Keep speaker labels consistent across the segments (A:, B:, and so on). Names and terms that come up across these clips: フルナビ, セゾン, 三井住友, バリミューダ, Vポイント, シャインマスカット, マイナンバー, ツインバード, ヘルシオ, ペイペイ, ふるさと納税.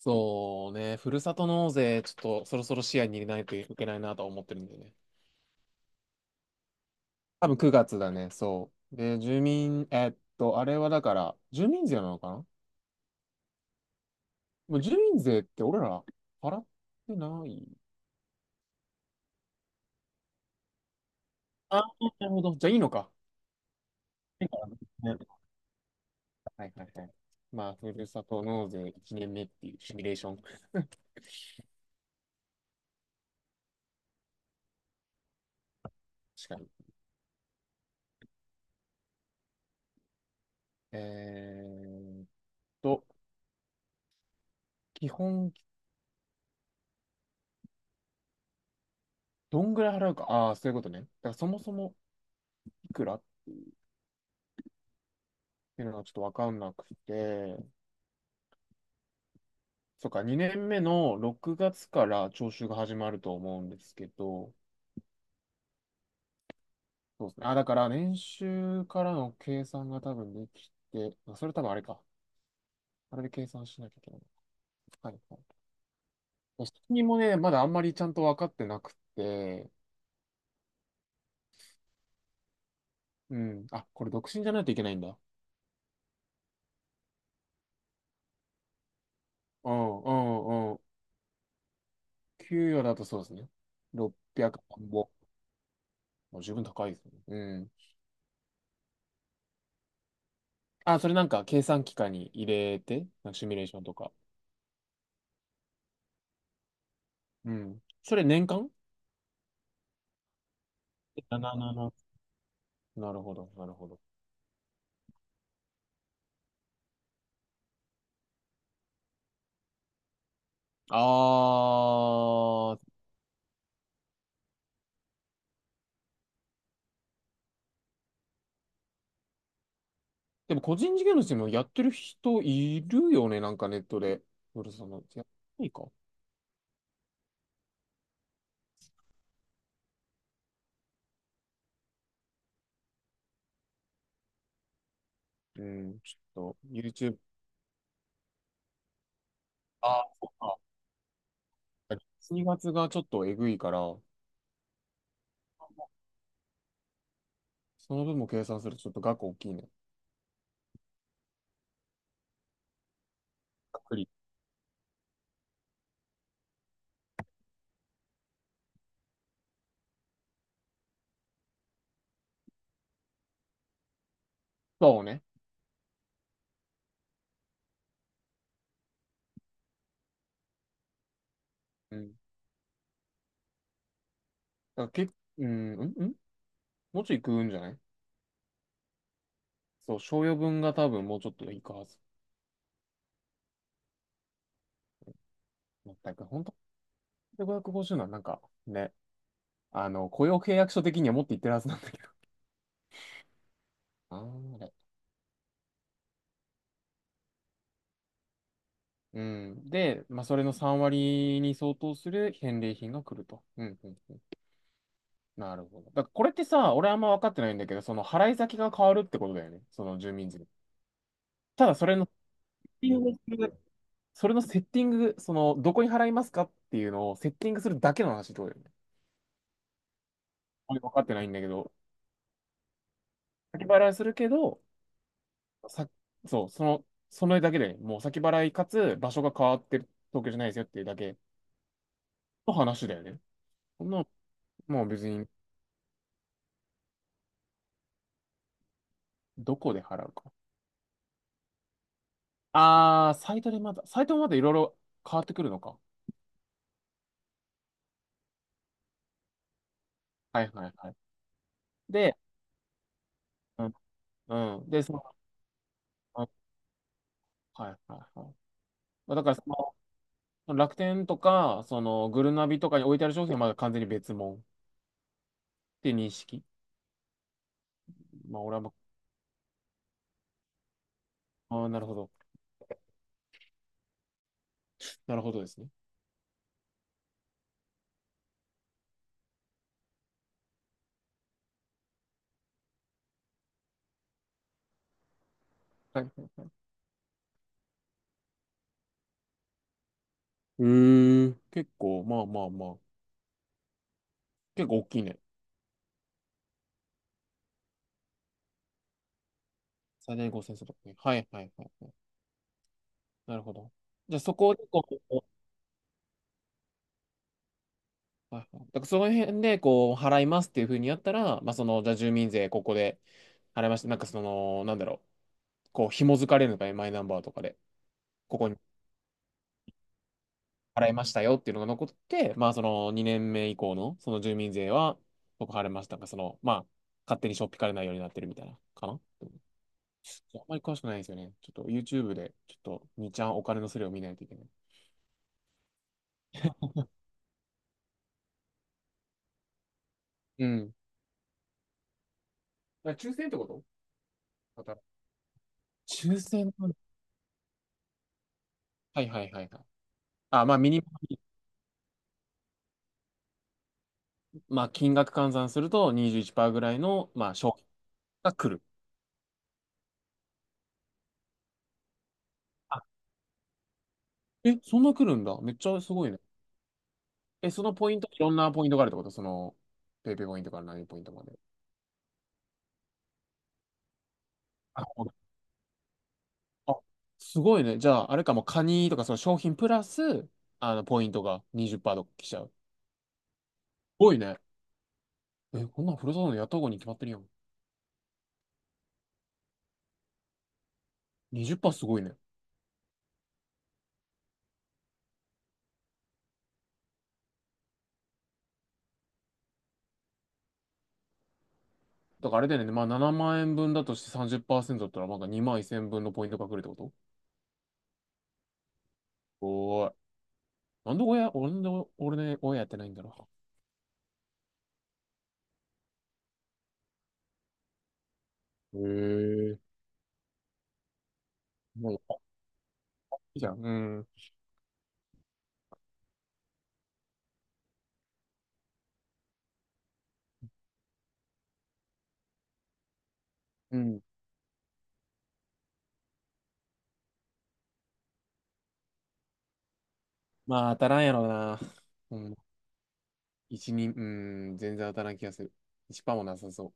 A: そうね、ふるさと納税、ちょっとそろそろ視野に入れないといけないなとは思ってるんでね。多分9月だね、そう。で、住民、あれはだから、住民税なのかな。もう住民税って俺ら払ってない。ああ、なるほど。じゃあいいのか。ね、はいはいはい。まあ、ふるさと納税1年目っていうシミュレーション。確かに。えーっと、基本、どんぐらい払うか。ああ、そういうことね。だからそもそもいくらっていうのがちょっとわかんなくて、そっか、2年目の6月から徴収が始まると思うんですけど、そうですね。あ、だから年収からの計算が多分できて、まあそれ多分あれか。あれで計算しなきゃいけない。はいはい。独身もね、まだあんまりちゃんと分かってなくて、うん。あ、これ独身じゃないといけないんだ。うんうんうん。給与だとそうですね。600万ぼ。もう十分高いですね。うん。あ、それなんか計算機械に入れて、なんかシミュレーションとか。うん。それ年間？ 777。 なるほど、なるほど。あー、でも個人事業主もやってる人いるよね、なんかネットで。ブルさんの、や、いいか。うん、ちょっと YouTube、あー、そうか。2月がちょっとえぐいから、その分も計算するとちょっと額大きいね。隔離。そうね。うん。だからけ、うん、うん、うん、もうちょい食うんじゃない。そう、賞与分が多分もうちょっといくはず。なんだか、本当で550なんなんかね、あの、雇用契約書的には持っていってるはずなんだけど。あー、うん。で、まあ、それの3割に相当する返礼品が来ると。うんうんうん。なるほど。だからこれってさ、俺あんま分かってないんだけど、その払い先が変わるってことだよね。その住民税。ただ、ティングする、それのセッティング、その、どこに払いますかっていうのをセッティングするだけの話ってことだよね。俺分かってないんだけど、先払いするけど、さ、そう、その、それだけで、もう先払いかつ場所が変わってる東京じゃないですよっていうだけの話だよね。そんな、もう別に、どこで払うか。ああ、サイトもまだいろいろ変わってくるのか。はいはいはい。で、うん、うん。で、その、うん、はいはいはい。まあだからその、楽天とか、その、グルナビとかに置いてある商品はまだ完全に別物っていう認識。まあ、俺はまあ、あーなるほど。なるほどですね。はい。うーん。結構、まあまあまあ。結構大きいね。最大5 0 0とかね。はいはいはいはい。なるほど。じゃあそこを結構、はいはい。だからその辺で、こう、払いますっていうふうにやったら、まあ、その、じゃあ住民税ここで払いました。なんかその、なんだろう。こう、紐づかれるのかね、マイナンバーとかで。ここに払いましたよっていうのが残って、まあ、その、2年目以降の、その住民税は、僕払いましたが、その、まあ、勝手にしょっぴかれないようになってるみたいな、かな。あんまり詳しくないんですよね。ちょっと YouTube で、ちょっと、にちゃんお金のスレを見ないといけない。うん。だから抽選ってこと。また抽選は、はいはいはいはい。あ、まあ、ミニマム、まあ、金額換算すると21%ぐらいの、まあ、賞金が来る。あ、え、そんな来るんだ。めっちゃすごいね。え、そのポイント、いろんなポイントがあるってことその、ペイペイポイントから何ポイントまで。あ、ほんと、あ、すごいね。じゃあ、あれかも、カニとかその商品プラス、あの、ポイントが20%とか来ちゃう。すごいね。え、こんなんふるさとのやった方がに決まってるやん。20%すごいね。だからあれだよね。まあ、7万円分だとして30%だったら、なんか2万1000分のポイントが来るってこと。おーい。なんで親、俺の、俺ね、親やってないんだろう。へえ。もう、いいじゃん。うん。うん。まあ、当たらんやろうな。うん。1、人うん、全然当たらん気がする。1%もなさそう。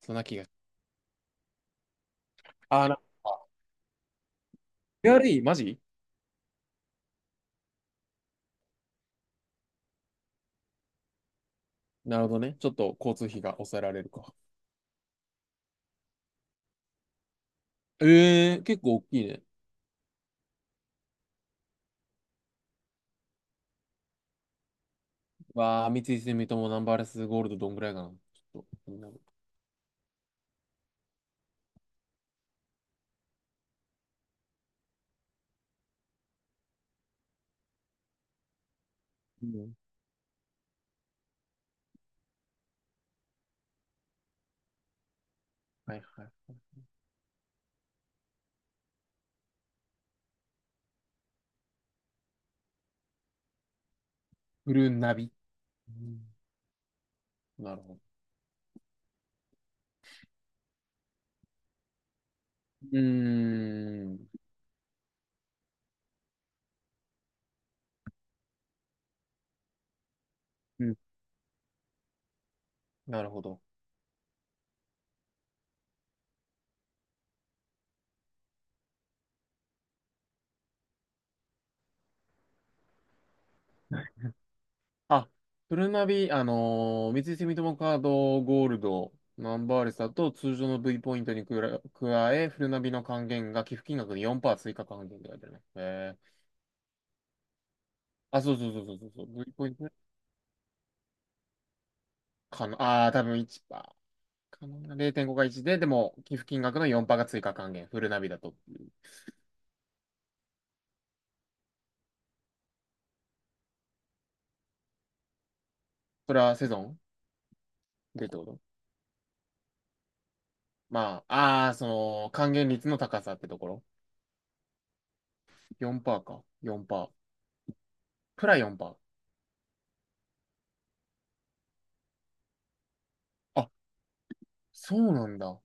A: そんな気が。あー、なんか、エーアールイーマジ、なるほどね。ちょっと交通費が抑えられるか。ええ結構大きいね。わあ、三井住友ナンバーレスゴールドどんぐらいかな。ちょっと、気になる。うん。はいはい。フルナビ。うん、なるほど。うーん。うん。なるほど。あ、フルナビ、三井住友カードゴールド、ナンバーレスだと通常の V ポイントにくら加え、フルナビの還元が寄付金額に4%追加還元って書いてあるね。えー、あ、そうそうそうそうそうそう、V ポイントねかな、あー、多分1%かな。0.5が1で、でも寄付金額の4%が追加還元、フルナビだと。それはセゾンでってこと、まあ、あー、その、還元率の高さってところ。4%か。4%。プラ4%。あ、そうなんだ。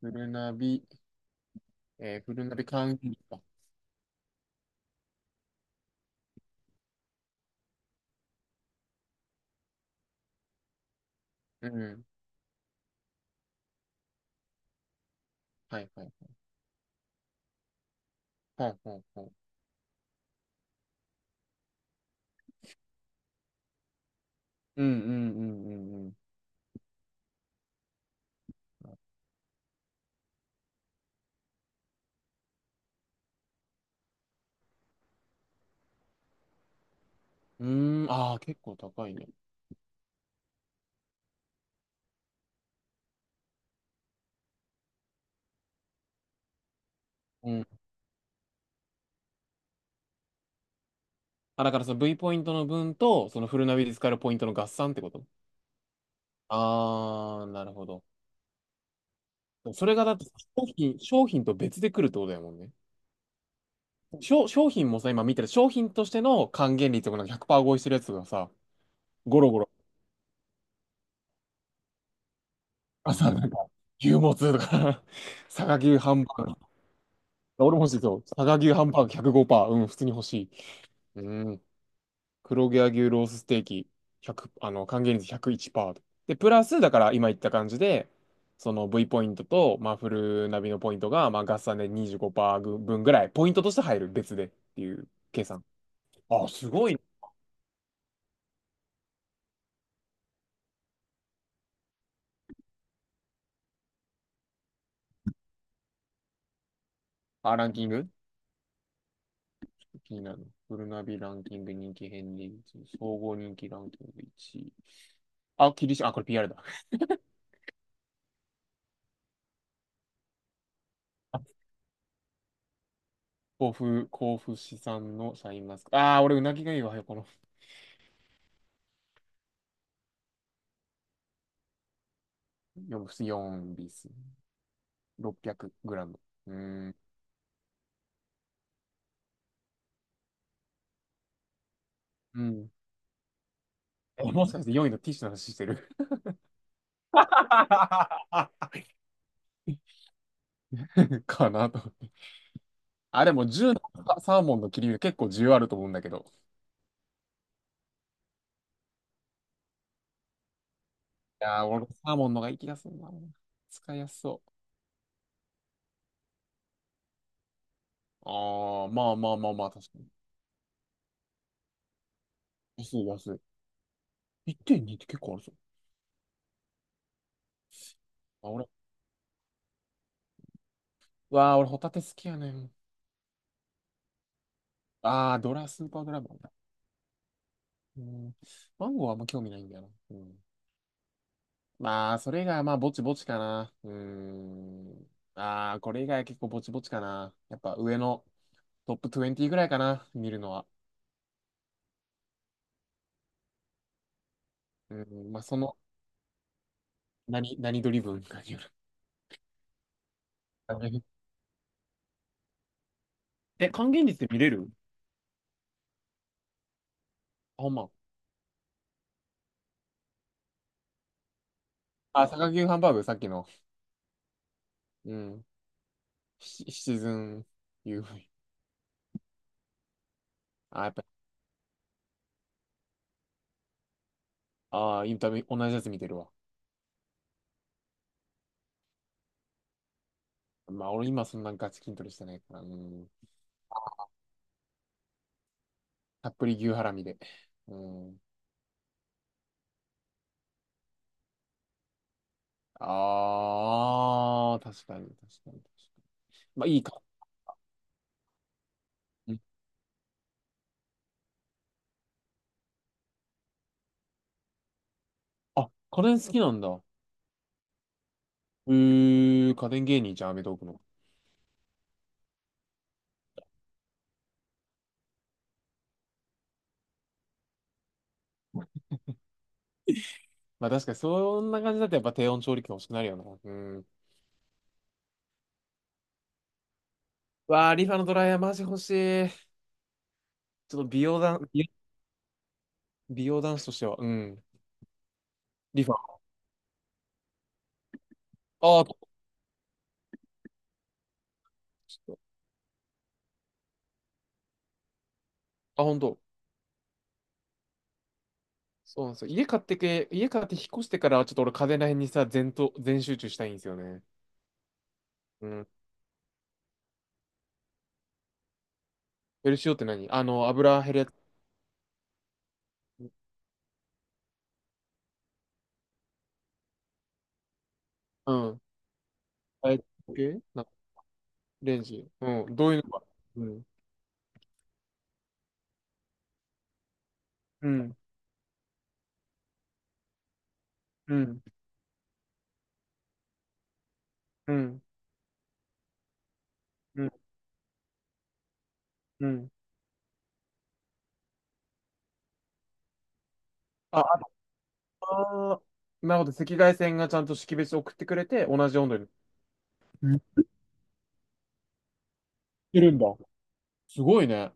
A: フルナビ。えー、ナビ缶切りか。うん。はいはい。ほんほんほん。うんうんうんうんうん。うーん、ああ、結構高いね。うん。あ、だからその V ポイントの分と、そのフルナビで使えるポイントの合算ってこと。ああー、なるほど。それがだって商品、商品と別で来るってことだもんね。商品もさ、今見てる商品としての還元率とかなんか100%合意してるやつがさ、ゴロゴロ、あさなんか、牛もつとか、佐賀牛ハンバーグ。俺も欲しいぞ。佐賀牛ハンバーグ105%。うん、普通に欲しい。うん。黒毛和牛ロースステーキ、100、あの、還元率101%。で、プラス、だから今言った感じで、その V ポイントと、まあ、フルナビのポイントが、まあ、合算で25%分ぐらい、ポイントとして入る、別でっていう計算。あ、すごい。あ、ランキング気になるの。フルナビランキング人気変率、総合人気ランキング1。あ、キリシ、あ、これ PR だ。甲府、甲府市産のシャインマスカット。ああ、俺、うなぎがいいわよ、この。よんビス600グラム。うーん。うん。え、もしかして4位のティッシュの話してる？ かなと思って。あ、でも10のサーモンの切り身結構需要あると思うんだけど。いやー、俺サーモンのがいい気がするな。使いやすそう。あー、まあまあまあまあ、確かに。安い安い。1.2ってんにって結構あるぞ。あ、俺、うわー、俺ホタテ好きやねん。スーパードラゴンだ。うん。マンゴーはあんま興味ないんだよな。うん。まあ、それが、まあ、ぼちぼちかな。うーん。ああ、これ以外は結構ぼちぼちかな。やっぱ上のトップ20ぐらいかな、見るのは。うん、まあ、その、何ドリブンかによる。え、還元率で見れる？あ、ほんま。あ、坂牛ハンバーグ、さっきの。うん。シチズン u。 あ、やっぱ。ああ、インタビュー、同じやつ見てるわ。まあ、俺今そんなガチ筋トレしてないから。うん。たっぷり牛ハラミで。うん。ああ、確かに、確かに、確かに。まあ、いい。うん。あ、家電好きなんだ。家電芸人じゃん、アメトーークの。まあ確かにそんな感じだとやっぱ低温調理器欲しくなるよな。うん。わあ、リファのドライヤーマジ欲しい。ちょっと美容男子としては、うん。リファ。ああ、ちょっと。あ、本当。そうなんですよ。家買って引っ越してからはちょっと俺家電ら辺にさ、全集中したいんですよね。うん。ヘルシオって何？あの、油減るやつ？うん。あれ系な、レンジ。うん。どういうのか。うん。うん。うん。うん。うん。うん。あ、なるほど。赤外線がちゃんと識別送ってくれて、同じ温度に。言ってるんだ。すごいね。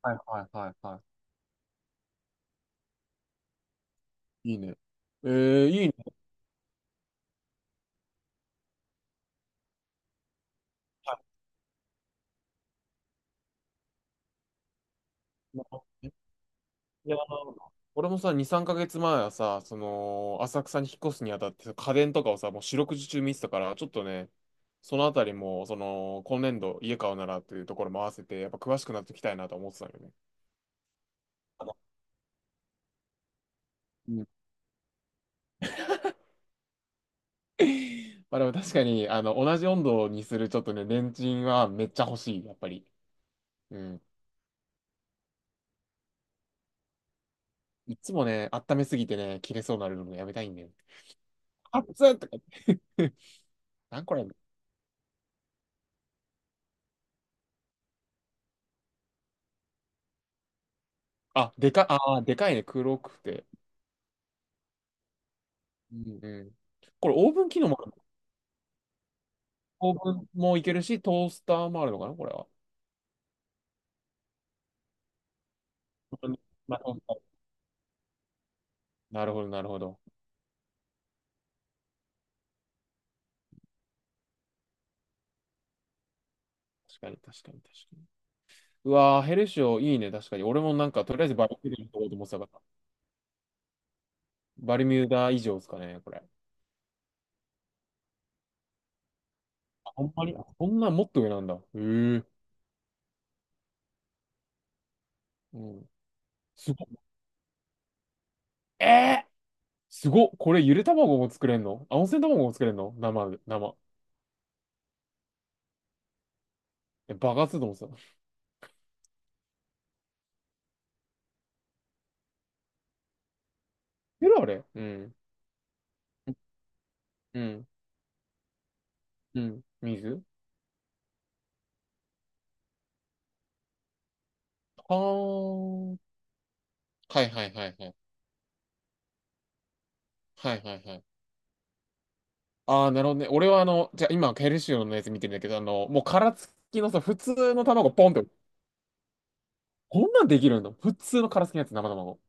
A: はいはいはいはい。いいね。いいね。はい。いや、俺もさ、2、3ヶ月前はさ、その、浅草に引っ越すにあたって、家電とかをさ、もう四六時中見てたから、ちょっとね、そのあたりも、その、今年度家買うならっていうところも合わせて、やっぱ詳しくなっていきたいなと思ってたよね。まあでも確かに、あの、同じ温度にするちょっとね、レンチンはめっちゃ欲しい、やっぱり。うん。いつもね、温めすぎてね、切れそうになるのもやめたいんだよ。熱っとか言って。なんこれ。あ、でかいね、黒くて。うん、うん。これ、オーブン機能もあるの？オーブンもいけるし、トースターもあるのかな、これは。なるほど、なるほど。なるほど。確かに、確かに、確かに。うわー、ヘルシオいいね、確かに。俺もなんか、とりあえずバリミューダに行こうと思ってたから。バリミューダ以上ですかね、これ。ほんまに、こんなもっと上なんだ。へえ。うん。すごっ。えー、すごっ。これゆで卵も作れんの？あ、温泉卵も作れんの？生で、生。え、爆発すると思ってた。ゆるあれ、うん。うん。うん。水。はーん。はいはいはいはい。はいはいはい。ああ、なるほどね。俺はあの、じゃあ今、ヘルシオのやつ見てるんだけど、あの、もう殻付きのさ、普通の卵ポンって、こんなんできるの？普通の殻付きのやつ、生卵。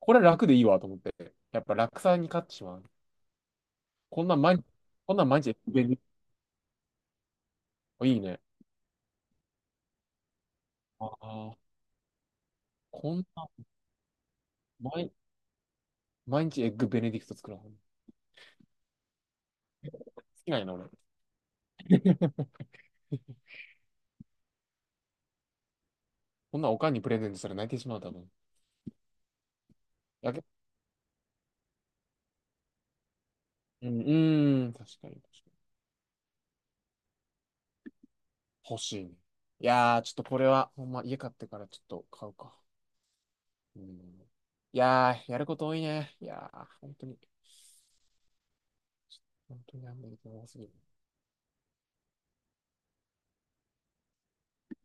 A: これ楽でいいわと思って。やっぱ楽さに勝ってしまう。こんなん毎日。こんなん毎日。あ、いいね。ああ、こんな、毎、毎日エッグベネディクト作らん。好きなんやな、俺。こんなんおかんにプレゼントしたら泣いてしまう、多分。やけ、うん、うーん、確かに、確かに。欲しいね。いやー、ちょっとこれは、ほんま、家買ってからちょっと買うか。うん。いやー、やること多いね。いやー、本当に、本当にあんまり多すぎる。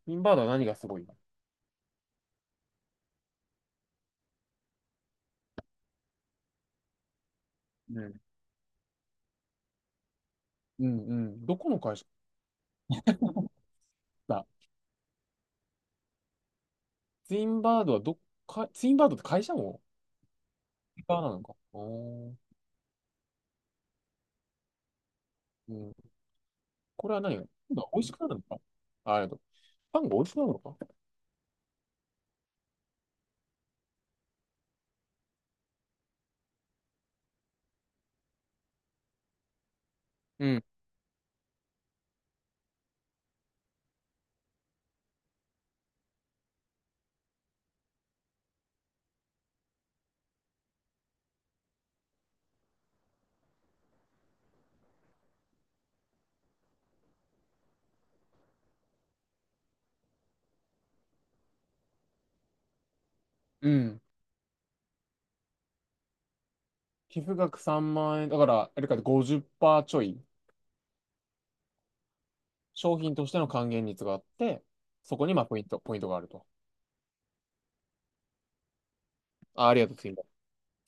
A: ツインバードは何がすごいの？うん、うん、うん。どこの会社？ だツインバードはどっか、ツインバードって会社もツインバーなのか。おー。うん。これは何が？パンが美味しくなるのか？あ、パンが美味しくなるのか。うん。うん。寄付額3万円、だから、あれか50%ちょい、商品としての還元率があって、そこにまあポイントがあると。あ、ありがとう、次。